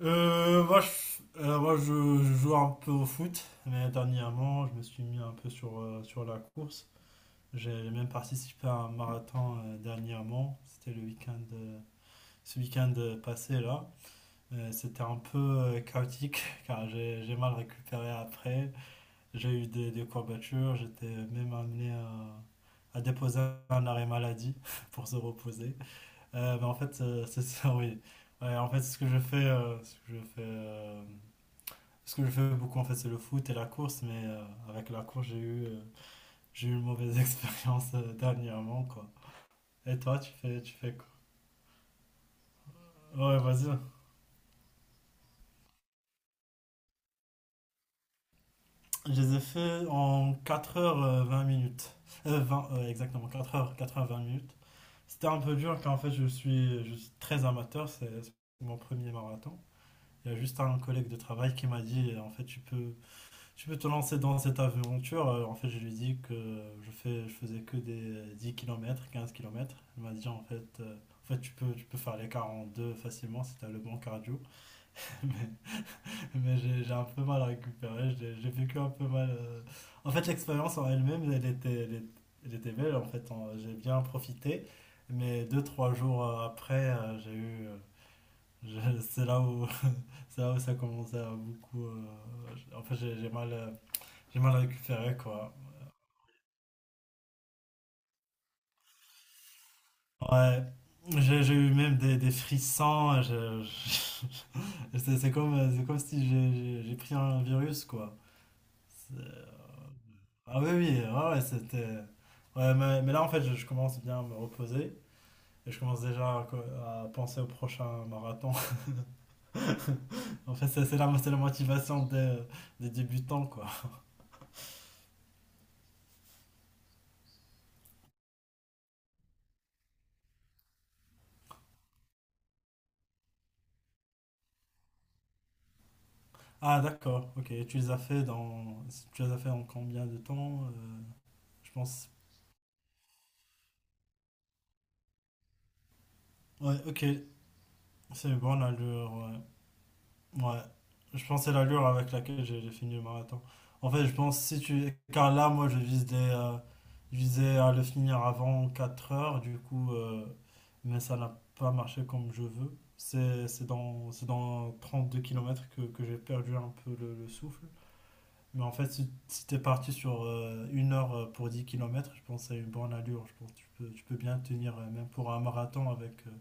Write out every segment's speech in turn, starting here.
Euh, moi, je, moi je joue un peu au foot, mais dernièrement, je me suis mis un peu sur la course. J'ai même participé à un marathon, dernièrement. C'était ce week-end passé là. C'était un peu chaotique car j'ai mal récupéré après. J'ai eu des courbatures. J'étais même amené à déposer un arrêt maladie pour se reposer. Mais en fait, c'est ça, oui. Ouais, en fait, c'est ce que je fais, ce que je fais. Ce que je fais beaucoup, en fait, c'est le foot et la course, mais avec la course, j'ai eu une mauvaise expérience, dernièrement, quoi. Et toi, tu fais quoi? Ouais, vas-y. Je les ai fait en quatre heures vingt minutes. 20, exactement, quatre heures vingt minutes. C'était un peu dur car en fait je suis très amateur, c'est mon premier marathon. Il y a juste un collègue de travail qui m'a dit en fait tu peux te lancer dans cette aventure. En fait, je lui ai dit que je faisais que des 10 km, 15 km. Elle m'a dit en fait tu peux faire les 42 facilement si tu as le bon cardio. Mais, mais j'ai un peu mal à récupérer. J'ai vécu un peu mal. En fait, l'expérience en elle-même, elle était belle. En fait, j'ai bien profité. Mais deux trois jours après, j'ai eu. Je- C'est là où, c'est là où ça commençait à beaucoup. En fait, j'ai mal récupéré quoi. Ouais, j'ai eu même des frissons. C'est comme si j'ai pris un virus, quoi. C'est- Ah oui, oui, ouais, ouais, c'était. Ouais, mais là, en fait, je commence bien à me reposer. Et je commence déjà à penser au prochain marathon. En fait, c'est la motivation des débutants, quoi. Ah, d'accord, ok. Tu les as fait dans. Tu les as fait en combien de temps? Je pense. Ouais, ok. C'est bon allure, ouais. Ouais, je pense que c'est l'allure avec laquelle j'ai fini le marathon. En fait, je pense si tu... Car là, moi, je visais à le finir avant 4 heures, du coup, mais ça n'a pas marché comme je veux. C'est dans 32 km que j'ai perdu un peu le souffle. Mais en fait, si t'es parti sur 1 heure pour 10 km, je pense que c'est une bonne allure. Je pense que tu peux bien tenir, même pour un marathon avec, euh,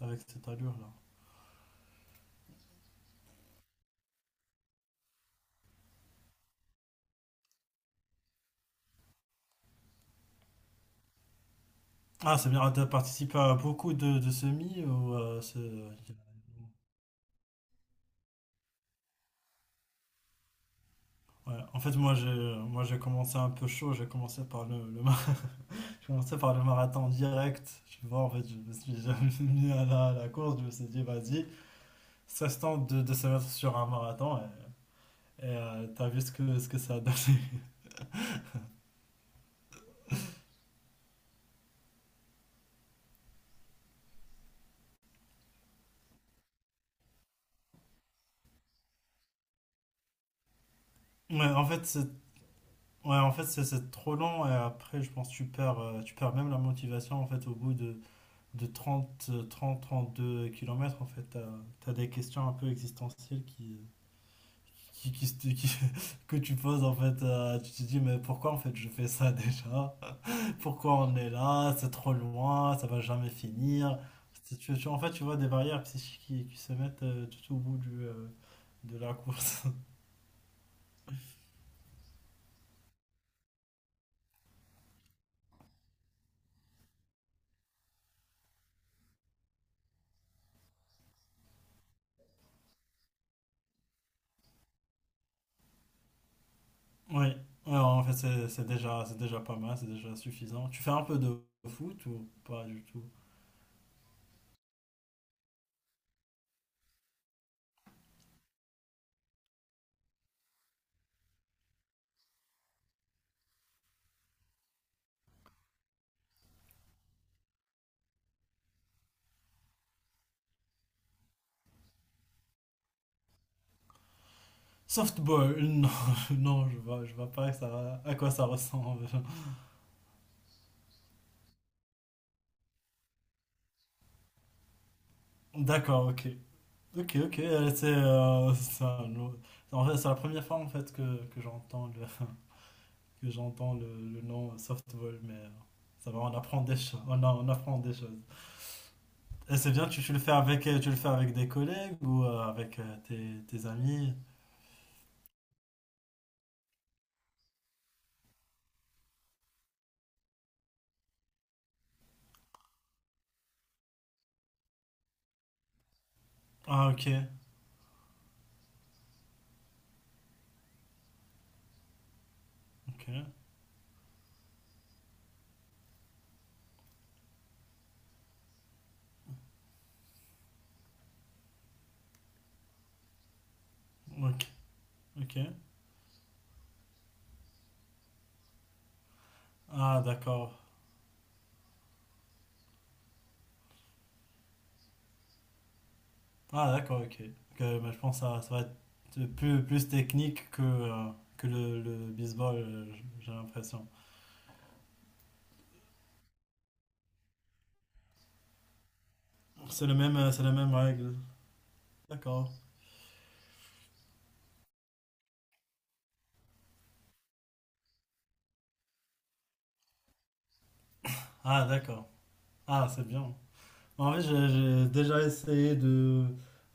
avec cette allure-là. Ah, c'est bien. Dire, t'as participé à beaucoup de semis ou ouais. En fait, moi j'ai commencé un peu chaud, j'ai commencé par le mar- j'ai commencé par le marathon direct. Tu vois, en fait, je me suis jamais mis à la course, je me suis dit, vas-y, ça se tente de se mettre sur un marathon et, t'as vu ce que ça a donné. Ouais, en fait, c'est trop long et après, je pense que tu perds même la motivation en fait, au bout de trente deux kilomètres en fait, tu as des questions un peu existentielles qui, qui, se- qui- que tu poses, en fait. Tu te dis, mais pourquoi, en fait, je fais ça déjà? Pourquoi on est là? C'est trop loin, ça va jamais finir. En fait, tu vois des barrières psychiques qui se mettent tout au bout de la course. Oui, ouais, en fait, c'est déjà pas mal, c'est déjà suffisant. Tu fais un peu de foot ou pas du tout? Softball, non, non, je vois pas à quoi ça ressemble. D'accord, ok. Ok, ok, en fait, c'est la première fois en fait que que j'entends le nom softball, mais ça va, on apprend des choses. On apprend des choses. Et c'est bien, tu le fais avec des collègues ou avec tes amis? Ah, ok, ok, ok, ok. Ah, d'accord. Ah, d'accord, ok. Ok, bah, je pense que ça va être plus technique que le baseball, j'ai l'impression. C'est la même règle. D'accord. Ah, d'accord. Ah, c'est bien. En fait, j'ai déjà essayé de.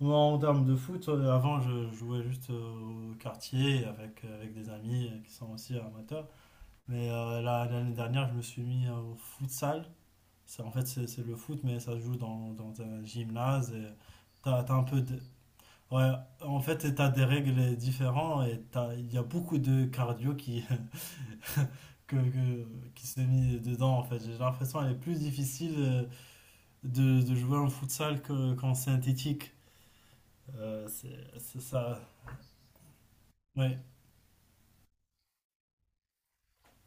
Moi, en termes de foot, avant, je jouais juste au quartier avec des amis qui sont aussi amateurs. Mais l'année dernière, je me suis mis au futsal. Ça, en fait, c'est le foot, mais ça se joue dans un gymnase. Et t'as, t'as un peu d- ouais, en fait, t'as des règles différentes il y a beaucoup de cardio qui se mis dedans, en fait. J'ai l'impression qu'elle est plus difficile de jouer en futsal qu'en synthétique. C'est ça. Ouais.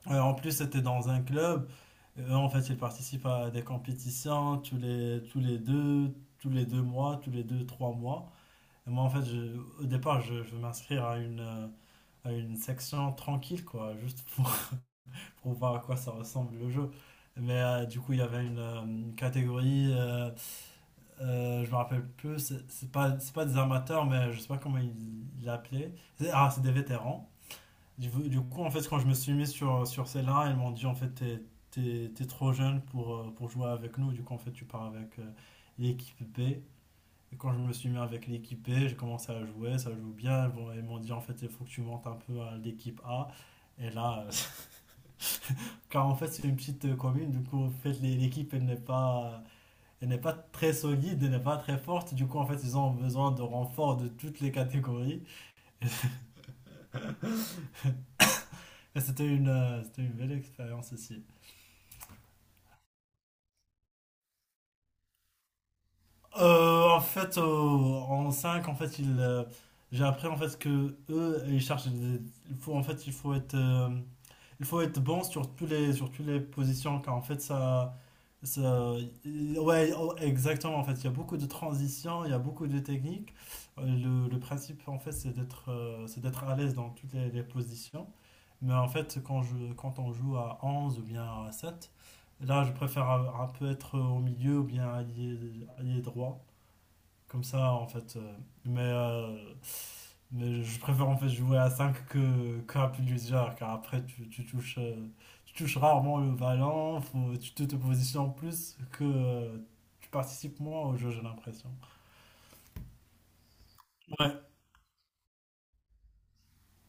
Ouais, en plus, c'était dans un club. Eux, en fait, ils participent à des compétitions tous les deux mois, tous les deux, trois mois. Et moi, en fait, au départ, je veux m'inscrire à une section tranquille, quoi, juste pour voir à quoi ça ressemble le jeu. Mais du coup, il y avait une catégorie, je me rappelle plus, c'est pas des amateurs, mais je sais pas comment ils l'appelaient. Ah, c'est des vétérans. Du coup, en fait, quand je me suis mis sur celle-là, ils m'ont dit, en fait, t'es trop jeune pour jouer avec nous. Du coup, en fait, tu pars avec l'équipe B. Et quand je me suis mis avec l'équipe B, j'ai commencé à jouer, ça joue bien. Bon, ils m'ont dit, en fait, il faut que tu montes un peu à l'équipe A. Et là, car en fait, c'est une petite commune, du coup, en fait, l'équipe, elle n'est pas très solide, elle n'est pas très forte. Du coup, en fait, ils ont besoin de renforts de toutes les catégories. Et c'était une belle expérience aussi. En fait, en 5 en fait, j'ai appris en fait que eux, ils cherchent. Il faut en fait il faut être bon sur sur toutes les positions, car en fait, ça, ouais, oh, exactement. En fait, il y a beaucoup de transitions, il y a beaucoup de techniques. Le principe, en fait, c'est d'être à l'aise dans toutes les positions. Mais en fait, quand on joue à 11 ou bien à 7 là, je préfère un peu être au milieu ou bien allié, allié droit. Comme ça, en fait. Mais euh, mais je préfère en fait jouer à 5 que à plus légère, car après tu touches rarement le ballon, faut, tu te positionnes plus que tu participes moins au jeu, j'ai l'impression. Ouais,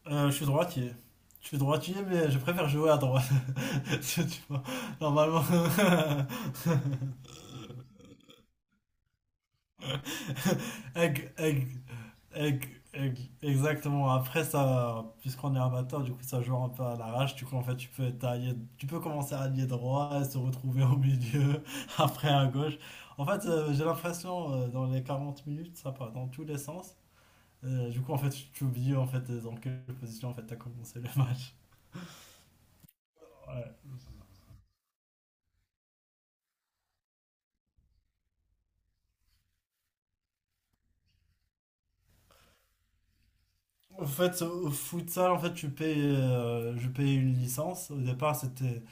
je suis droitier. Je suis droitier, mais je préfère jouer à droite. Tu vois, normalement. avec, avec, Ex- Exactement. Après ça, puisqu'on est amateur, du coup ça joue un peu à l'arrache. Du coup en fait tu peux tailler, tu peux commencer à allier droit et se retrouver au milieu, après à gauche. En fait j'ai l'impression dans les 40 minutes ça part dans tous les sens. Du coup en fait tu oublies en fait dans quelle position en fait t'as commencé le match. Ouais. En fait au futsal en fait je payais une licence. Au départ c'était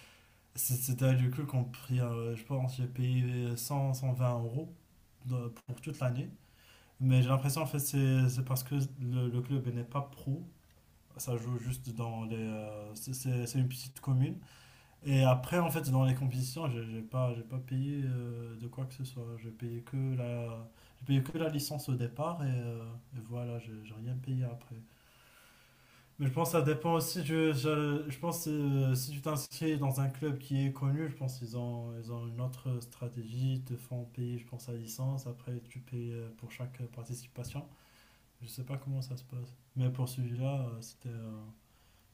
C'est- C'était du coup qu'on pris, je pense, j'ai payé cent vingt euros pour toute l'année. Mais j'ai l'impression, en fait, c'est parce que le club il n'est pas pro. Ça joue juste dans les. C'est une petite commune. Et après, en fait, dans les compétitions, j'ai pas payé de quoi que ce soit. J'ai payé que la licence au départ et voilà, j'ai rien payé après. Mais je pense que ça dépend aussi. Je pense que si tu t'inscris dans un club qui est connu, je pense qu'ils ont une autre stratégie. Ils te font payer, je pense, la licence. Après, tu payes pour chaque participation. Je sais pas comment ça se passe. Mais pour celui-là, euh, c'était euh,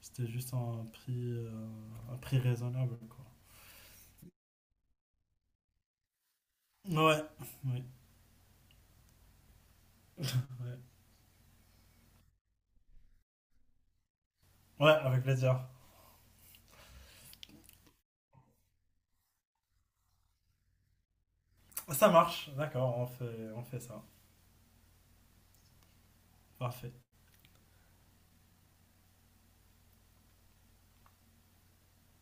c'était juste un prix raisonnable, quoi. Ouais, oui, ouais. Ouais, avec plaisir. Ça marche, d'accord, on fait ça. Parfait.